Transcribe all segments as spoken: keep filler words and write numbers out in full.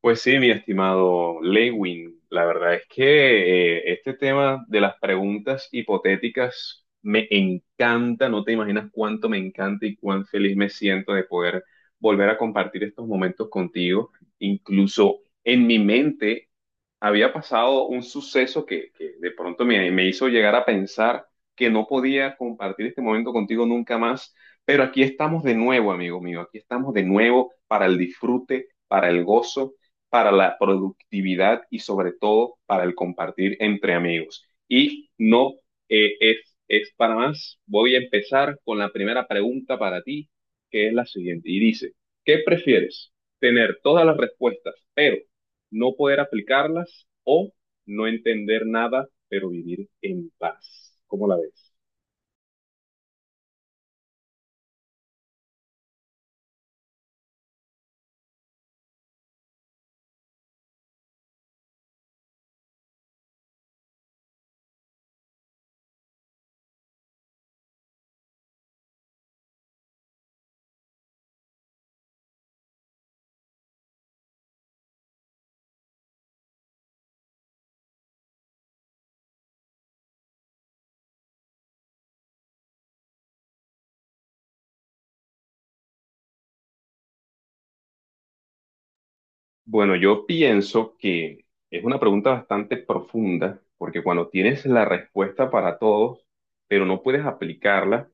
Pues sí, mi estimado Lewin, la verdad es que eh, este tema de las preguntas hipotéticas me encanta, no te imaginas cuánto me encanta y cuán feliz me siento de poder volver a compartir estos momentos contigo. Incluso en mi mente había pasado un suceso que, que de pronto me, me hizo llegar a pensar que no podía compartir este momento contigo nunca más, pero aquí estamos de nuevo, amigo mío, aquí estamos de nuevo para el disfrute, para el gozo, para la productividad y sobre todo para el compartir entre amigos. Y no eh, es, es para más, voy a empezar con la primera pregunta para ti, que es la siguiente, y dice, ¿qué prefieres? ¿Tener todas las respuestas, pero no poder aplicarlas o no entender nada, pero vivir en paz? ¿Cómo la ves? Bueno, yo pienso que es una pregunta bastante profunda, porque cuando tienes la respuesta para todos, pero no puedes aplicarla,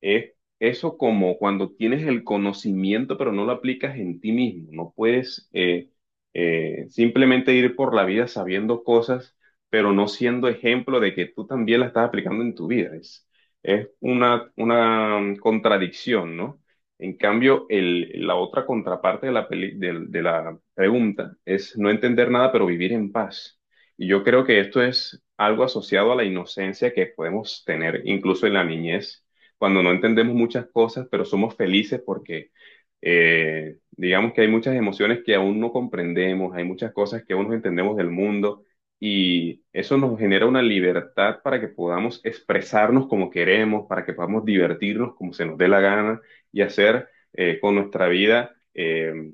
es eso como cuando tienes el conocimiento pero no lo aplicas en ti mismo. No puedes eh, eh, simplemente ir por la vida sabiendo cosas, pero no siendo ejemplo de que tú también la estás aplicando en tu vida. Es, es una, una mm, contradicción, ¿no? En cambio, el, la otra contraparte de la, peli- del- de la pregunta es no entender nada pero vivir en paz. Y yo creo que esto es algo asociado a la inocencia que podemos tener incluso en la niñez cuando no entendemos muchas cosas, pero somos felices porque eh, digamos que hay muchas emociones que aún no comprendemos, hay muchas cosas que aún no entendemos del mundo y eso nos genera una libertad para que podamos expresarnos como queremos, para que podamos divertirnos como se nos dé la gana y hacer eh, con nuestra vida eh,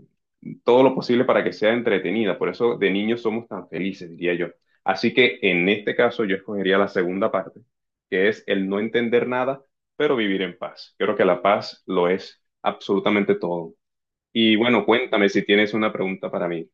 todo lo posible para que sea entretenida. Por eso de niños somos tan felices, diría yo. Así que en este caso yo escogería la segunda parte, que es el no entender nada, pero vivir en paz. Yo creo que la paz lo es absolutamente todo. Y bueno, cuéntame si tienes una pregunta para mí.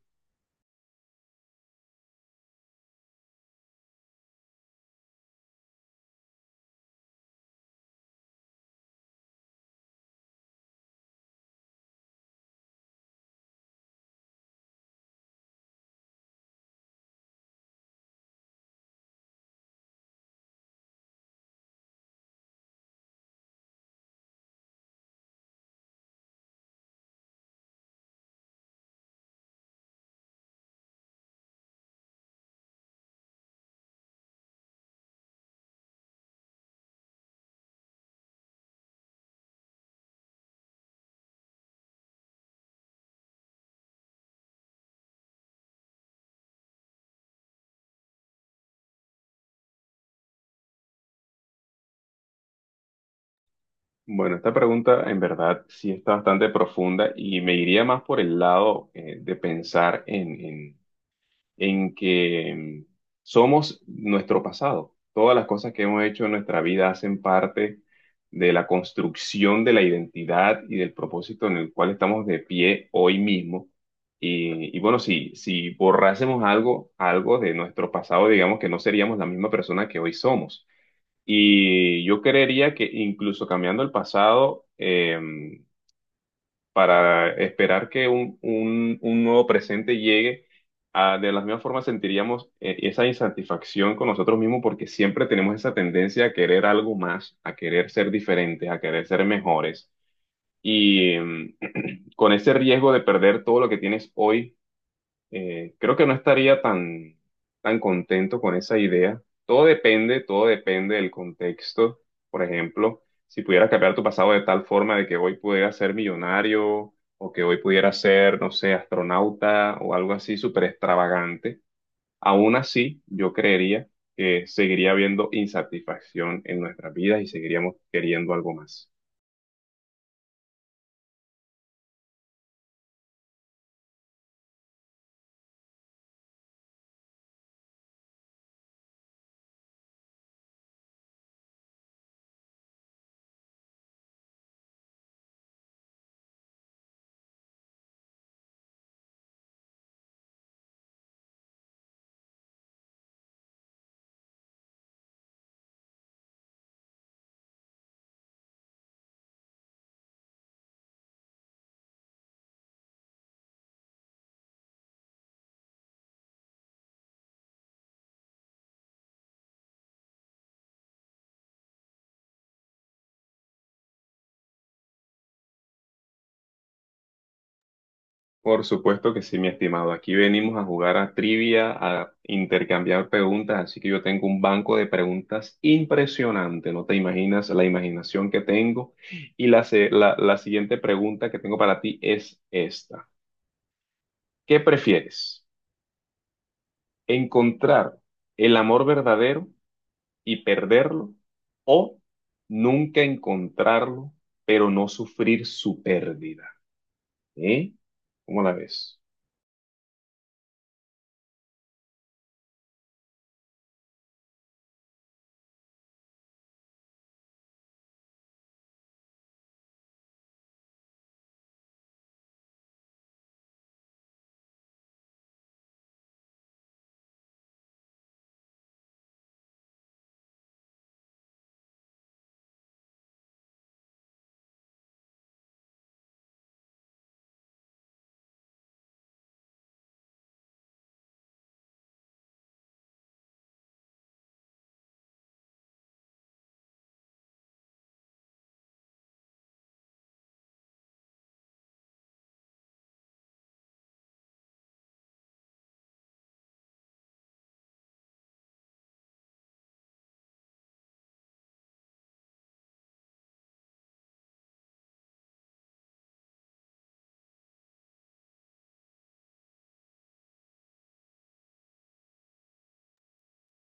Bueno, esta pregunta en verdad sí está bastante profunda y me iría más por el lado eh, de pensar en, en en que mm, somos nuestro pasado. Todas las cosas que hemos hecho en nuestra vida hacen parte de la construcción de la identidad y del propósito en el cual estamos de pie hoy mismo. Y, y bueno, si, si borrásemos algo, algo de nuestro pasado, digamos que no seríamos la misma persona que hoy somos. Y yo creería que incluso cambiando el pasado, eh, para esperar que un, un- un nuevo presente llegue, ah, de la misma forma sentiríamos eh, esa insatisfacción con nosotros mismos porque siempre tenemos esa tendencia a querer algo más, a querer ser diferentes, a querer ser mejores. Y mm, con ese riesgo de perder todo lo que tienes hoy, eh, creo que no estaría tan, tan contento con esa idea. Todo depende, todo depende del contexto. Por ejemplo, si pudieras cambiar tu pasado de tal forma de que hoy pudieras ser millonario o que hoy pudieras ser, no sé, astronauta o algo así súper extravagante, aún así yo creería que seguiría habiendo insatisfacción en nuestras vidas y seguiríamos queriendo algo más. Por supuesto que sí, mi estimado. Aquí venimos a jugar a trivia, a intercambiar preguntas, así que yo tengo un banco de preguntas impresionante. No te imaginas la imaginación que tengo. Y la, se- la, la siguiente pregunta que tengo para ti es esta. ¿Qué prefieres? ¿Encontrar el amor verdadero y perderlo? ¿O nunca encontrarlo, pero no sufrir su pérdida? ¿Eh? ¿Cómo la ves?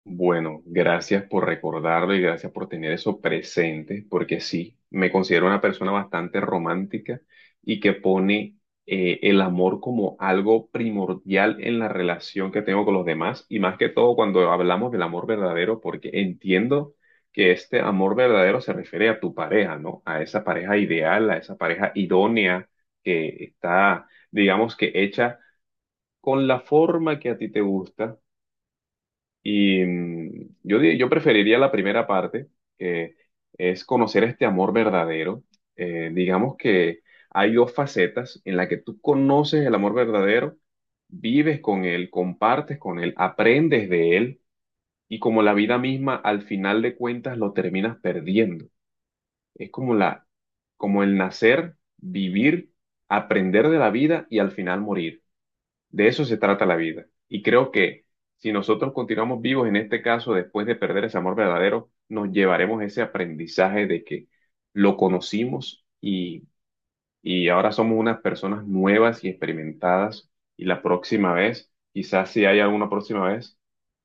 Bueno, gracias por recordarlo y gracias por tener eso presente, porque sí, me considero una persona bastante romántica y que pone eh, el amor como algo primordial en la relación que tengo con los demás y más que todo cuando hablamos del amor verdadero, porque entiendo que este amor verdadero se refiere a tu pareja, ¿no? A esa pareja ideal, a esa pareja idónea que está, digamos que hecha con la forma que a ti te gusta y mm, yo, di- yo preferiría la primera parte, que es conocer este amor verdadero. Eh, digamos que hay dos facetas en la que tú conoces el amor verdadero, vives con él, compartes con él, aprendes de él y como la vida misma, al final de cuentas lo terminas perdiendo. Es como la, como el nacer, vivir, aprender de la vida y al final morir. De eso se trata la vida. Y creo que si nosotros continuamos vivos en este caso, después de perder ese amor verdadero, nos llevaremos ese aprendizaje de que lo conocimos y, y ahora somos unas personas nuevas y experimentadas. Y la próxima vez, quizás si hay alguna próxima vez,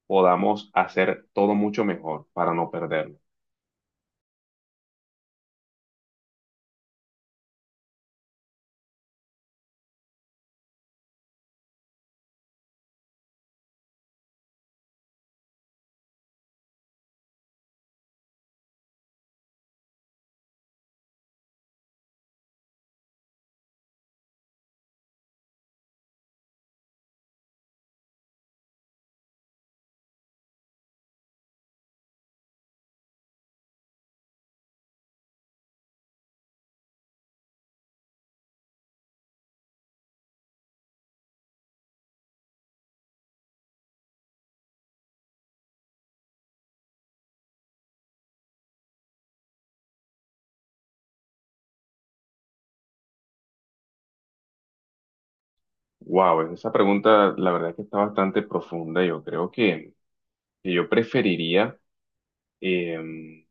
podamos hacer todo mucho mejor para no perderlo. Wow, esa pregunta la verdad que está bastante profunda. Yo creo que, que yo preferiría... em,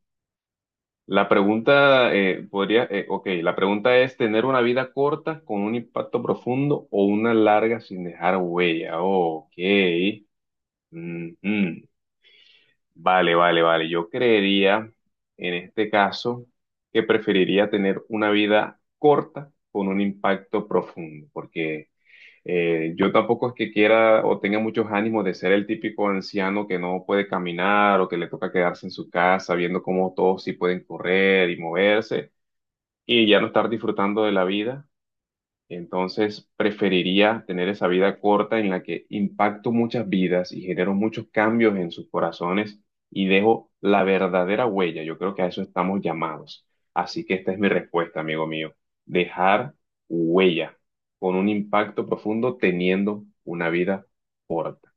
la pregunta eh, podría, eh, ok, la pregunta es tener una vida corta con un impacto profundo o una larga sin dejar huella. Ok. Mm, mm. Vale, vale, vale. Yo creería en este caso que preferiría tener una vida corta con un impacto profundo, porque eh, yo tampoco es que quiera o tenga muchos ánimos de ser el típico anciano que no puede caminar o que le toca quedarse en su casa viendo cómo todos sí pueden correr y moverse y ya no estar disfrutando de la vida. Entonces, preferiría tener esa vida corta en la que impacto muchas vidas y genero muchos cambios en sus corazones y dejo la verdadera huella. Yo creo que a eso estamos llamados. Así que esta es mi respuesta, amigo mío. Dejar huella con un impacto profundo teniendo una vida corta.